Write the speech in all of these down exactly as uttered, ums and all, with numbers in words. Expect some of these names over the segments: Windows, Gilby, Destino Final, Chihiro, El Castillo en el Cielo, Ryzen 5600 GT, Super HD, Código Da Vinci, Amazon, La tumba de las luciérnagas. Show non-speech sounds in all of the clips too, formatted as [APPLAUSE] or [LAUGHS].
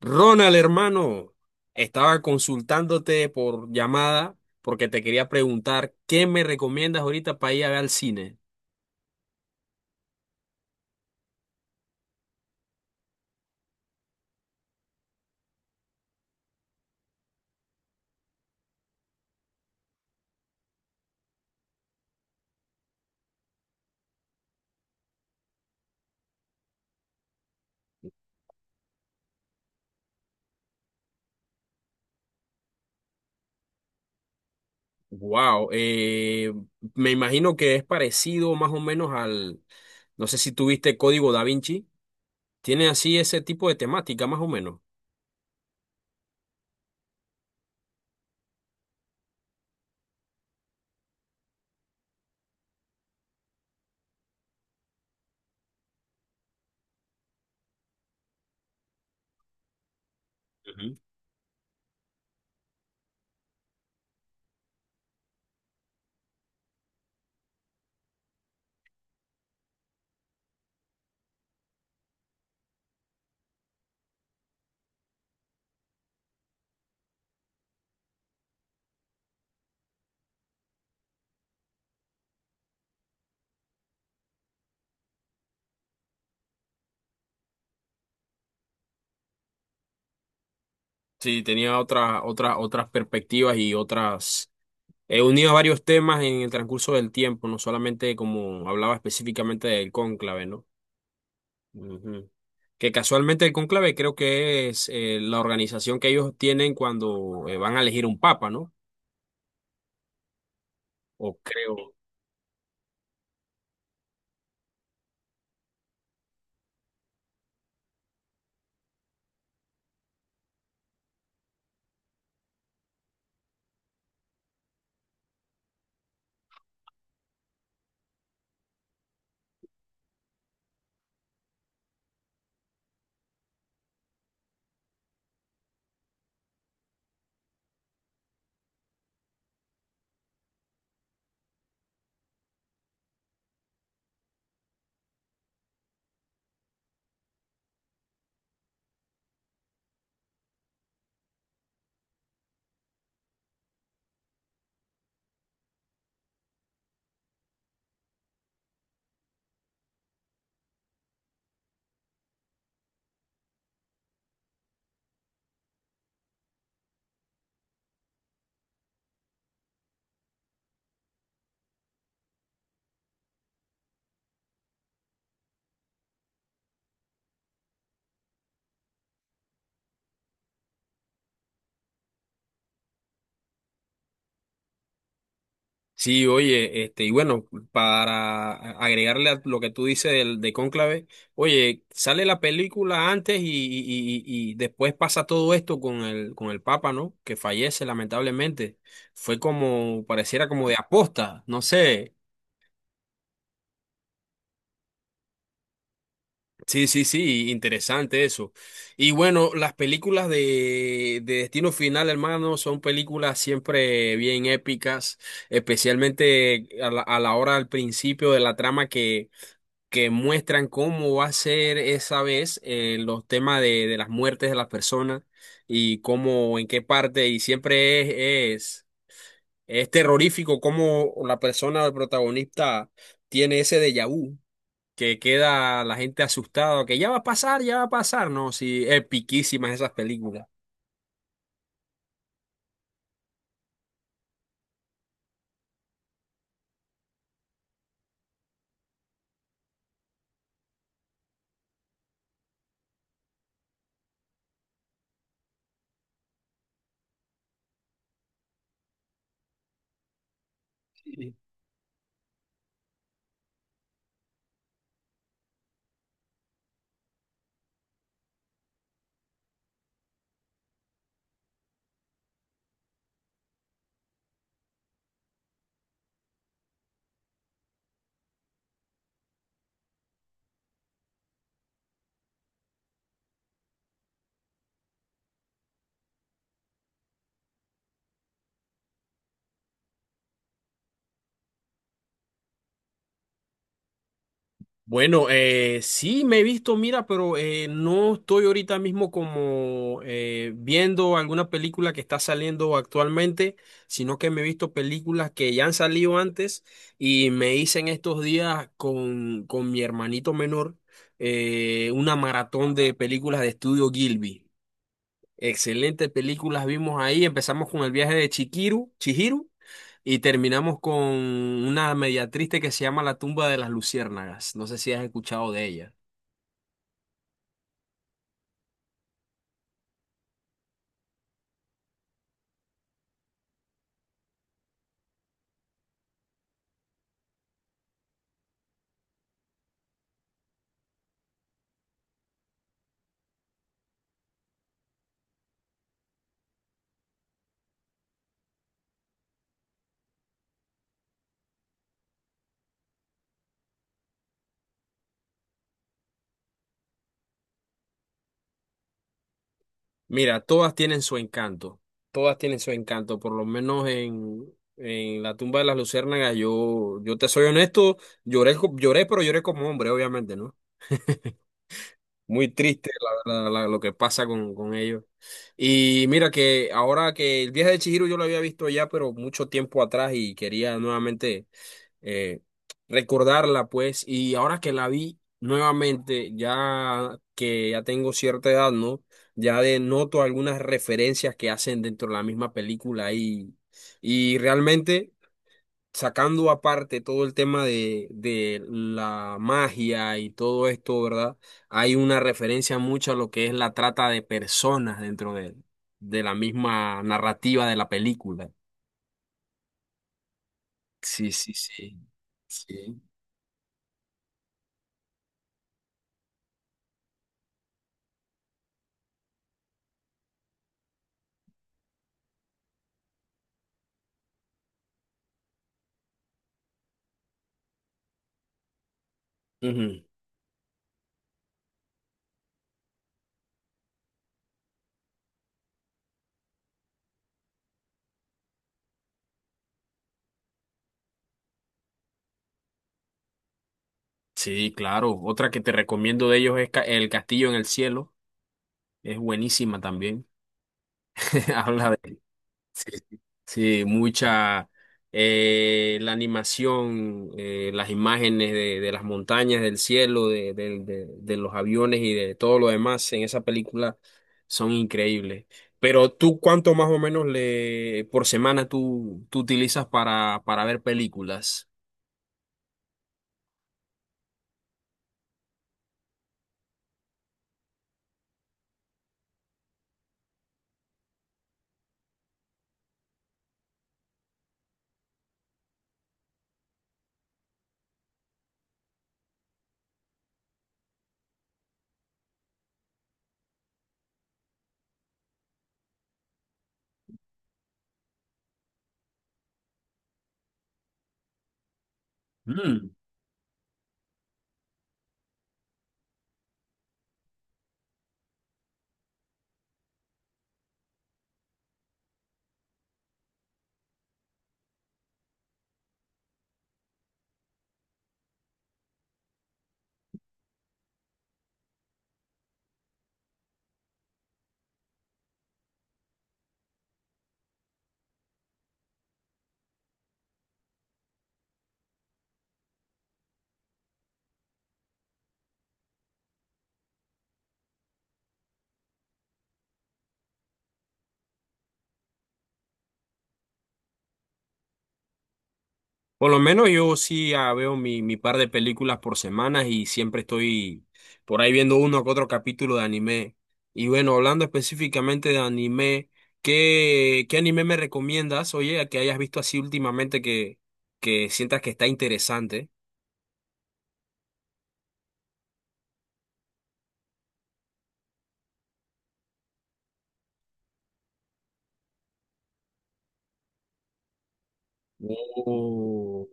Ronald, hermano, estaba consultándote por llamada porque te quería preguntar qué me recomiendas ahorita para ir a ver al cine. Wow, me imagino que es parecido más o menos al, no sé si tuviste Código Da Vinci, tiene así ese tipo de temática más o menos. Ujú. Sí, tenía otras otras otras perspectivas y otras he unido varios temas en el transcurso del tiempo, no solamente como hablaba específicamente del cónclave, ¿no? Ujú. Que casualmente el cónclave creo que es eh, la organización que ellos tienen cuando eh, van a elegir un papa, ¿no? O creo. Sí, oye, este, y bueno, para agregarle a lo que tú dices del, de cónclave, oye, sale la película antes y, y- y- y después pasa todo esto con el, con el papa, ¿no? Que fallece lamentablemente. Fue como, pareciera como de aposta, no sé. Sí, sí, sí, interesante eso. Y bueno, las películas de, de Destino Final, hermano, son películas siempre bien épicas, especialmente a la, a la hora al principio de la trama que, que muestran cómo va a ser esa vez eh, los temas de, de las muertes de las personas y cómo, en qué parte, y siempre es, es, es terrorífico cómo la persona, el protagonista, tiene ese déjà vu que queda la gente asustada, que ya va a pasar, ya va a pasar, ¿no? Sí, epiquísimas esas películas. Bueno, eh, sí me he visto, mira, pero eh, no estoy ahorita mismo como eh, viendo alguna película que está saliendo actualmente, sino que me he visto películas que ya han salido antes y me hice en estos días con, con mi hermanito menor eh, una maratón de películas de estudio Gilby. Excelentes películas vimos ahí. Empezamos con el viaje de Chikiru, Chihiro y terminamos con una media triste que se llama La tumba de las luciérnagas. No sé si has escuchado de ella. Mira, todas tienen su encanto. Todas tienen su encanto. Por lo menos en, en La tumba de las luciérnagas, yo, yo te soy honesto, lloré, co- lloré, pero lloré como hombre, obviamente, ¿no? Muy triste, la verdad, la- lo que pasa con, con ellos. Y mira que ahora que el viaje de Chihiro yo lo había visto ya, pero mucho tiempo atrás y quería nuevamente eh, recordarla, pues, y ahora que la vi nuevamente, ya que ya tengo cierta edad, ¿no? Ya de noto algunas referencias que hacen dentro de la misma película y, y realmente sacando aparte todo el tema de, de la magia y todo esto, ¿verdad? Hay una referencia mucho a lo que es la trata de personas dentro de, de la misma narrativa de la película. Sí, sí, sí. Sí. Ujú. Sí, claro. Otra que te recomiendo de ellos es Ca- El Castillo en el Cielo. Es buenísima también. [LAUGHS] Habla de. Sí, sí, mucha eh, la animación, eh, las imágenes de, de las montañas, del cielo, de, de- de- de los aviones y de todo lo demás en esa película son increíbles. Pero tú, ¿cuánto más o menos le por semana tú, tú utilizas para, para ver películas? Por lo menos yo sí ah, veo mi, mi par de películas por semana y siempre estoy por ahí viendo uno o otro capítulo de anime. Y bueno, hablando específicamente de anime, ¿qué, qué anime me recomiendas? Oye, que hayas visto así últimamente que, que sientas que está interesante. Oh.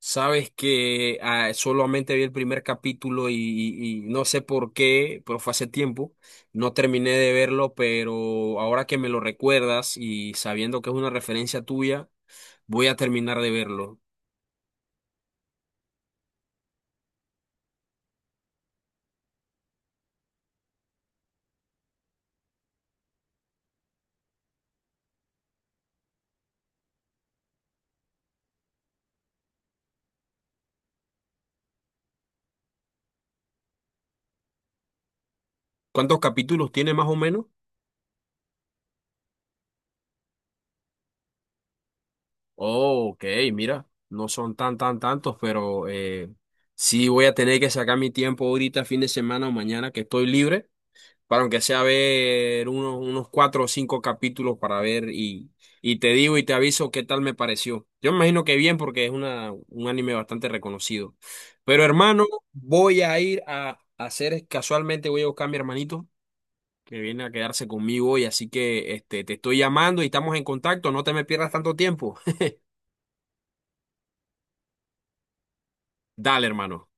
Sabes que ah, solamente vi el primer capítulo y, y- y no sé por qué, pero fue hace tiempo, no terminé de verlo, pero ahora que me lo recuerdas y sabiendo que es una referencia tuya, voy a terminar de verlo. ¿Cuántos capítulos tiene más o menos? Oh, ok, mira, no son tan, tan, tantos, pero eh, sí voy a tener que sacar mi tiempo ahorita, fin de semana o mañana que estoy libre para aunque sea ver unos, unos cuatro o cinco capítulos para ver y, y te digo y te aviso qué tal me pareció. Yo me imagino que bien porque es una, un anime bastante reconocido. Pero hermano, voy a ir a hacer, casualmente voy a buscar a mi hermanito que viene a quedarse conmigo hoy, así que este, te estoy llamando y estamos en contacto, no te me pierdas tanto tiempo. [LAUGHS] Dale, hermano.